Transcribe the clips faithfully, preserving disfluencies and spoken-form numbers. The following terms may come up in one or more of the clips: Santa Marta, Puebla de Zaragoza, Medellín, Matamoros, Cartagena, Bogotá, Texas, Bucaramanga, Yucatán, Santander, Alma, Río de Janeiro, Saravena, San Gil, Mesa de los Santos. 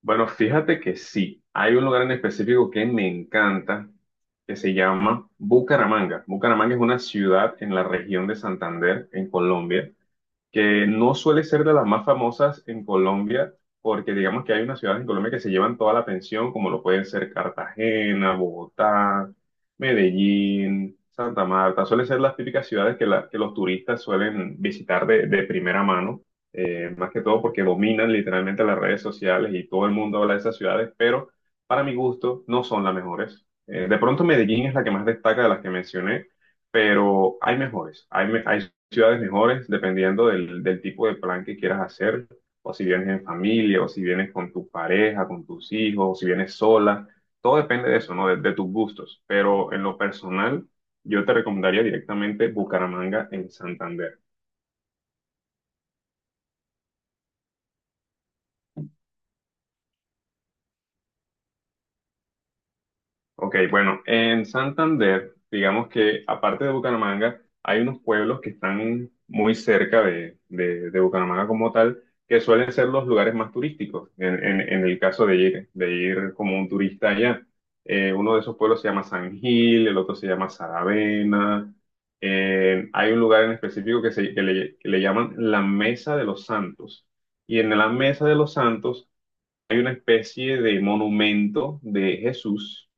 Bueno, fíjate que sí, hay un lugar en específico que me encanta, que se llama Bucaramanga. Bucaramanga es una ciudad en la región de Santander, en Colombia que no suele ser de las más famosas en Colombia, porque digamos que hay unas ciudades en Colombia que se llevan toda la atención, como lo pueden ser Cartagena, Bogotá, Medellín, Santa Marta. Suelen ser las típicas ciudades que, la- que los turistas suelen visitar de, de primera mano, eh, más que todo porque dominan literalmente las redes sociales y todo el mundo habla de esas ciudades, pero para mi gusto no son las mejores. Eh, de pronto Medellín es la que más destaca de las que mencioné, pero hay mejores, hay, me- hay ciudades mejores, dependiendo del, del tipo de plan que quieras hacer, o si vienes en familia, o si vienes con tu pareja, con tus hijos, o si vienes sola, todo depende de eso, ¿no? De, de tus gustos, pero en lo personal, yo te recomendaría directamente Bucaramanga en Santander. Ok, bueno, en Santander, digamos que aparte de Bucaramanga, hay unos pueblos que están muy cerca de, de- de Bucaramanga como tal, que suelen ser los lugares más turísticos, en, en- en el caso de ir, de ir como un turista allá. Eh, uno de esos pueblos se llama San Gil, el otro se llama Saravena. Eh, hay un lugar en específico que, se, que le, que le llaman la Mesa de los Santos. Y en la Mesa de los Santos hay una especie de monumento de Jesús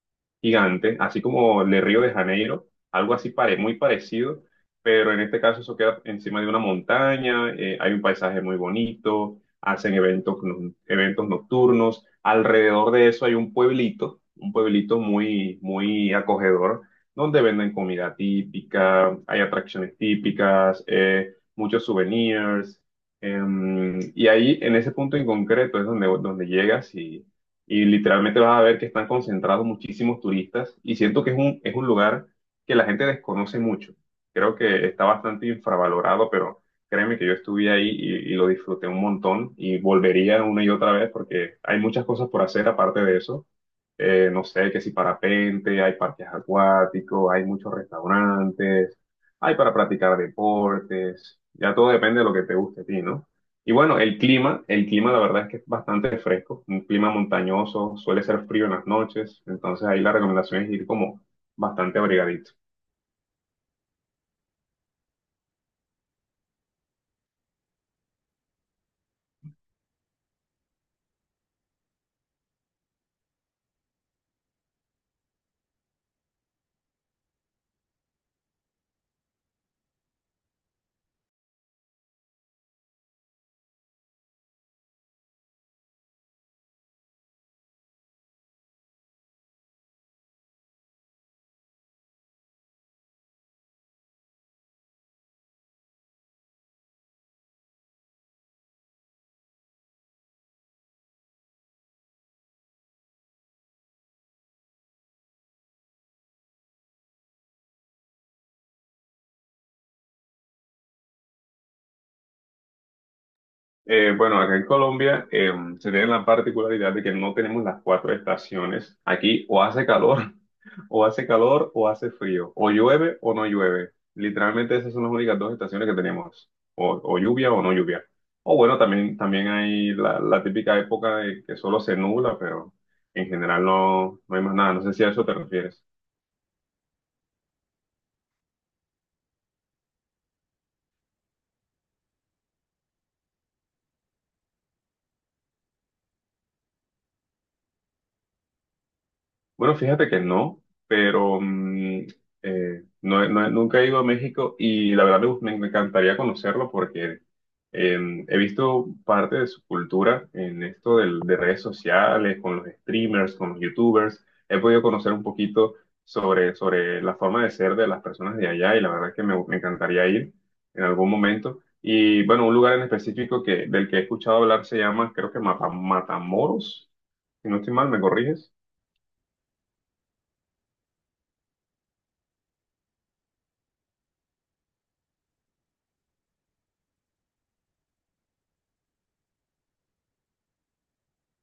gigante, así como el de Río de Janeiro, algo así pare- muy parecido, pero en este caso eso queda encima de una montaña, eh, hay un paisaje muy bonito, hacen eventos, no- eventos nocturnos, alrededor de eso hay un pueblito, un pueblito muy, muy acogedor, donde venden comida típica, hay atracciones típicas, eh, muchos souvenirs. Em, y ahí, en ese punto en concreto, es donde, donde llegas y, y literalmente vas a ver que están concentrados muchísimos turistas y siento que es un, es un lugar que la gente desconoce mucho. Creo que está bastante infravalorado, pero créeme que yo estuve ahí y, y lo disfruté un montón y volvería una y otra vez porque hay muchas cosas por hacer aparte de eso. Eh, no sé, que si parapente, hay parques acuáticos, hay muchos restaurantes hay para practicar deportes, ya todo depende de lo que te guste a ti, ¿no? Y bueno, el clima, el clima la verdad es que es bastante fresco, un clima montañoso, suele ser frío en las noches, entonces ahí la recomendación es ir como bastante abrigadito. Eh, bueno, acá en Colombia eh, se tiene la particularidad de que no tenemos las cuatro estaciones. Aquí o hace calor, o hace calor, o hace frío, o llueve o no llueve. Literalmente esas son las únicas dos estaciones que tenemos, o, o lluvia o no lluvia. O bueno, también, también hay la, la típica época de que solo se nubla, pero en general no, no hay más nada. No sé si a eso te refieres. Bueno, fíjate que no, pero mm, eh, no, he- no he- nunca he ido a México y la verdad me, gust- me encantaría conocerlo porque eh, he visto parte de su cultura en esto del- de redes sociales, con los streamers, con los youtubers. He podido conocer un poquito sobre, sobre la forma de ser de las personas de allá y la verdad es que me, me encantaría ir en algún momento. Y bueno, un lugar en específico que, del que he escuchado hablar se llama, creo que Mata- Matamoros, si no estoy mal, ¿me corriges?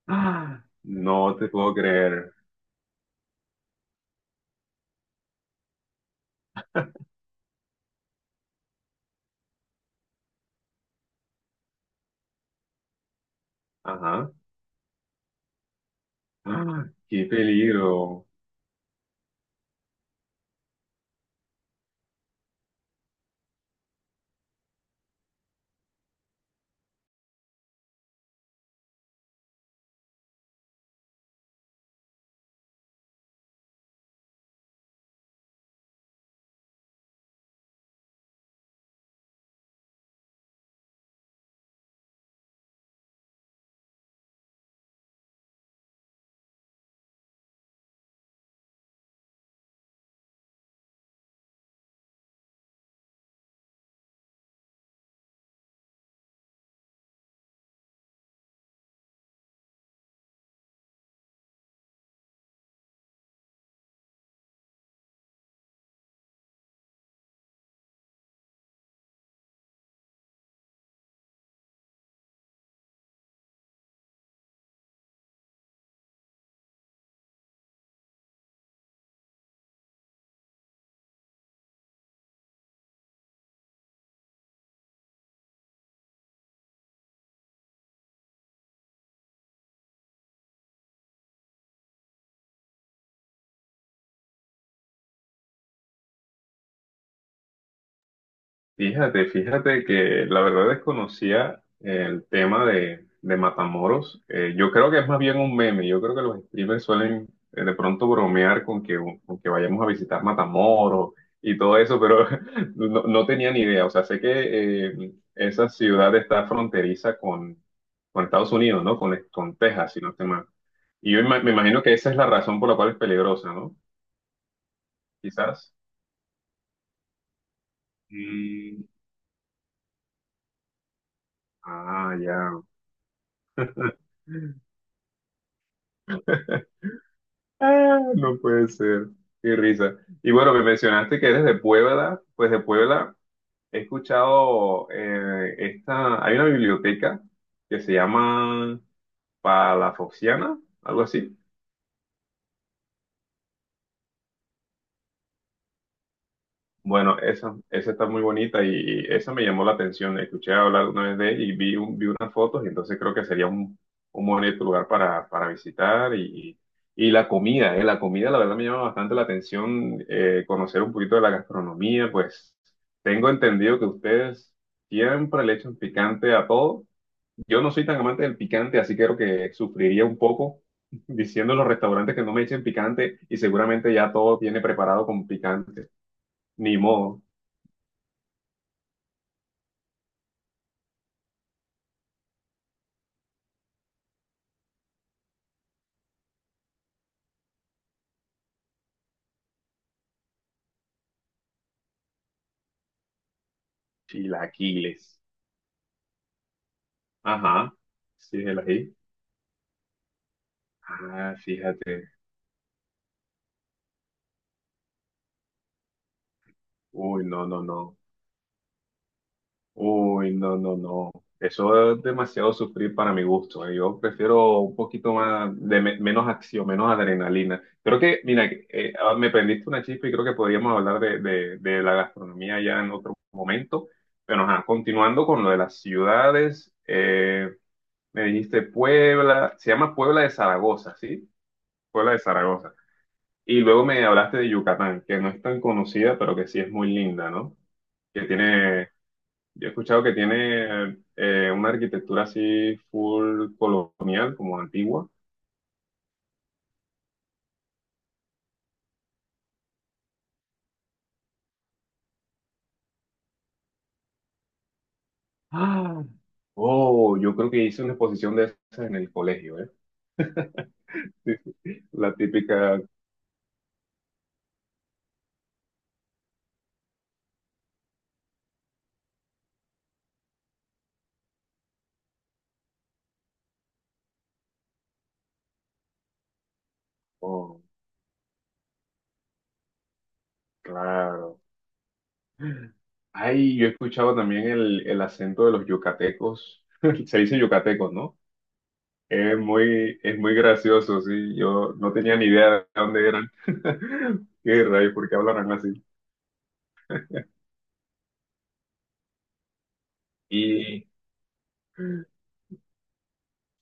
Ah, no te puedo creer. Ajá. Ah, qué peligro. Fíjate, fíjate que la verdad desconocía el tema de, de Matamoros. Eh, yo creo que es más bien un meme. Yo creo que los streamers suelen eh, de pronto bromear con que, con que vayamos a visitar Matamoros y todo eso, pero no, no tenía ni idea. O sea, sé que eh, esa ciudad está fronteriza con, con Estados Unidos, ¿no? Con, con Texas, si no estoy mal. Y yo ima- me imagino que esa es la razón por la cual es peligrosa, ¿no? Quizás. Mm. Ah, ya. Ah, no puede ser. Qué risa. Y bueno, me mencionaste que eres de Puebla. Pues de Puebla he escuchado eh, esta. Hay una biblioteca que se llama Palafoxiana, algo así. Bueno, esa, esa está muy bonita y esa me llamó la atención. Escuché hablar una vez de ella y vi, un- vi unas fotos y entonces creo que sería un, un bonito lugar para, para visitar y, y la comida, eh, la comida la verdad me llama bastante la atención eh, conocer un poquito de la gastronomía, pues tengo entendido que ustedes siempre le echan picante a todo. Yo no soy tan amante del picante, así que creo que sufriría un poco diciendo en los restaurantes que no me echen picante y seguramente ya todo viene preparado con picante. Ni modo. Chilaquiles. Ajá. Sí, el ají. Ah, fíjate. Uy, no, no, no. Uy, no, no, no. Eso es demasiado sufrir para mi gusto. eh. Yo prefiero un poquito más de me- menos acción, menos adrenalina. Creo que, mira, eh, ah, me prendiste una chispa y creo que podríamos hablar de, de- de la gastronomía ya en otro momento. Pero, ajá, continuando con lo de las ciudades, eh, me dijiste Puebla, se llama Puebla de Zaragoza, ¿sí? Puebla de Zaragoza. Y luego me hablaste de Yucatán, que no es tan conocida, pero que sí es muy linda, ¿no? Que tiene, yo he escuchado que tiene eh, una arquitectura así full colonial, como antigua. Ah, oh, yo creo que hice una exposición de esas en el colegio, ¿eh? Sí, sí, la típica. Oh, claro. Ay, yo he escuchado también el, el acento de los yucatecos. Se dice yucatecos, ¿no? Es muy, es muy gracioso, sí. Yo no tenía ni idea de dónde eran. Qué rayos, ¿por qué hablarán así? Y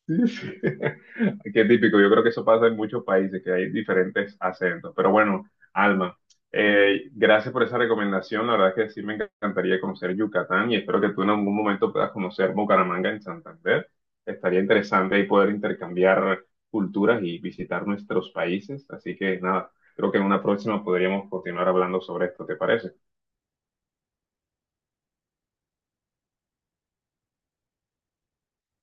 sí, sí. Qué típico. Yo creo que eso pasa en muchos países, que hay diferentes acentos. Pero bueno, Alma, eh, gracias por esa recomendación. La verdad es que sí me encantaría conocer Yucatán y espero que tú en algún momento puedas conocer Bucaramanga en Santander. Estaría interesante ahí poder intercambiar culturas y visitar nuestros países. Así que nada, creo que en una próxima podríamos continuar hablando sobre esto. ¿Te parece?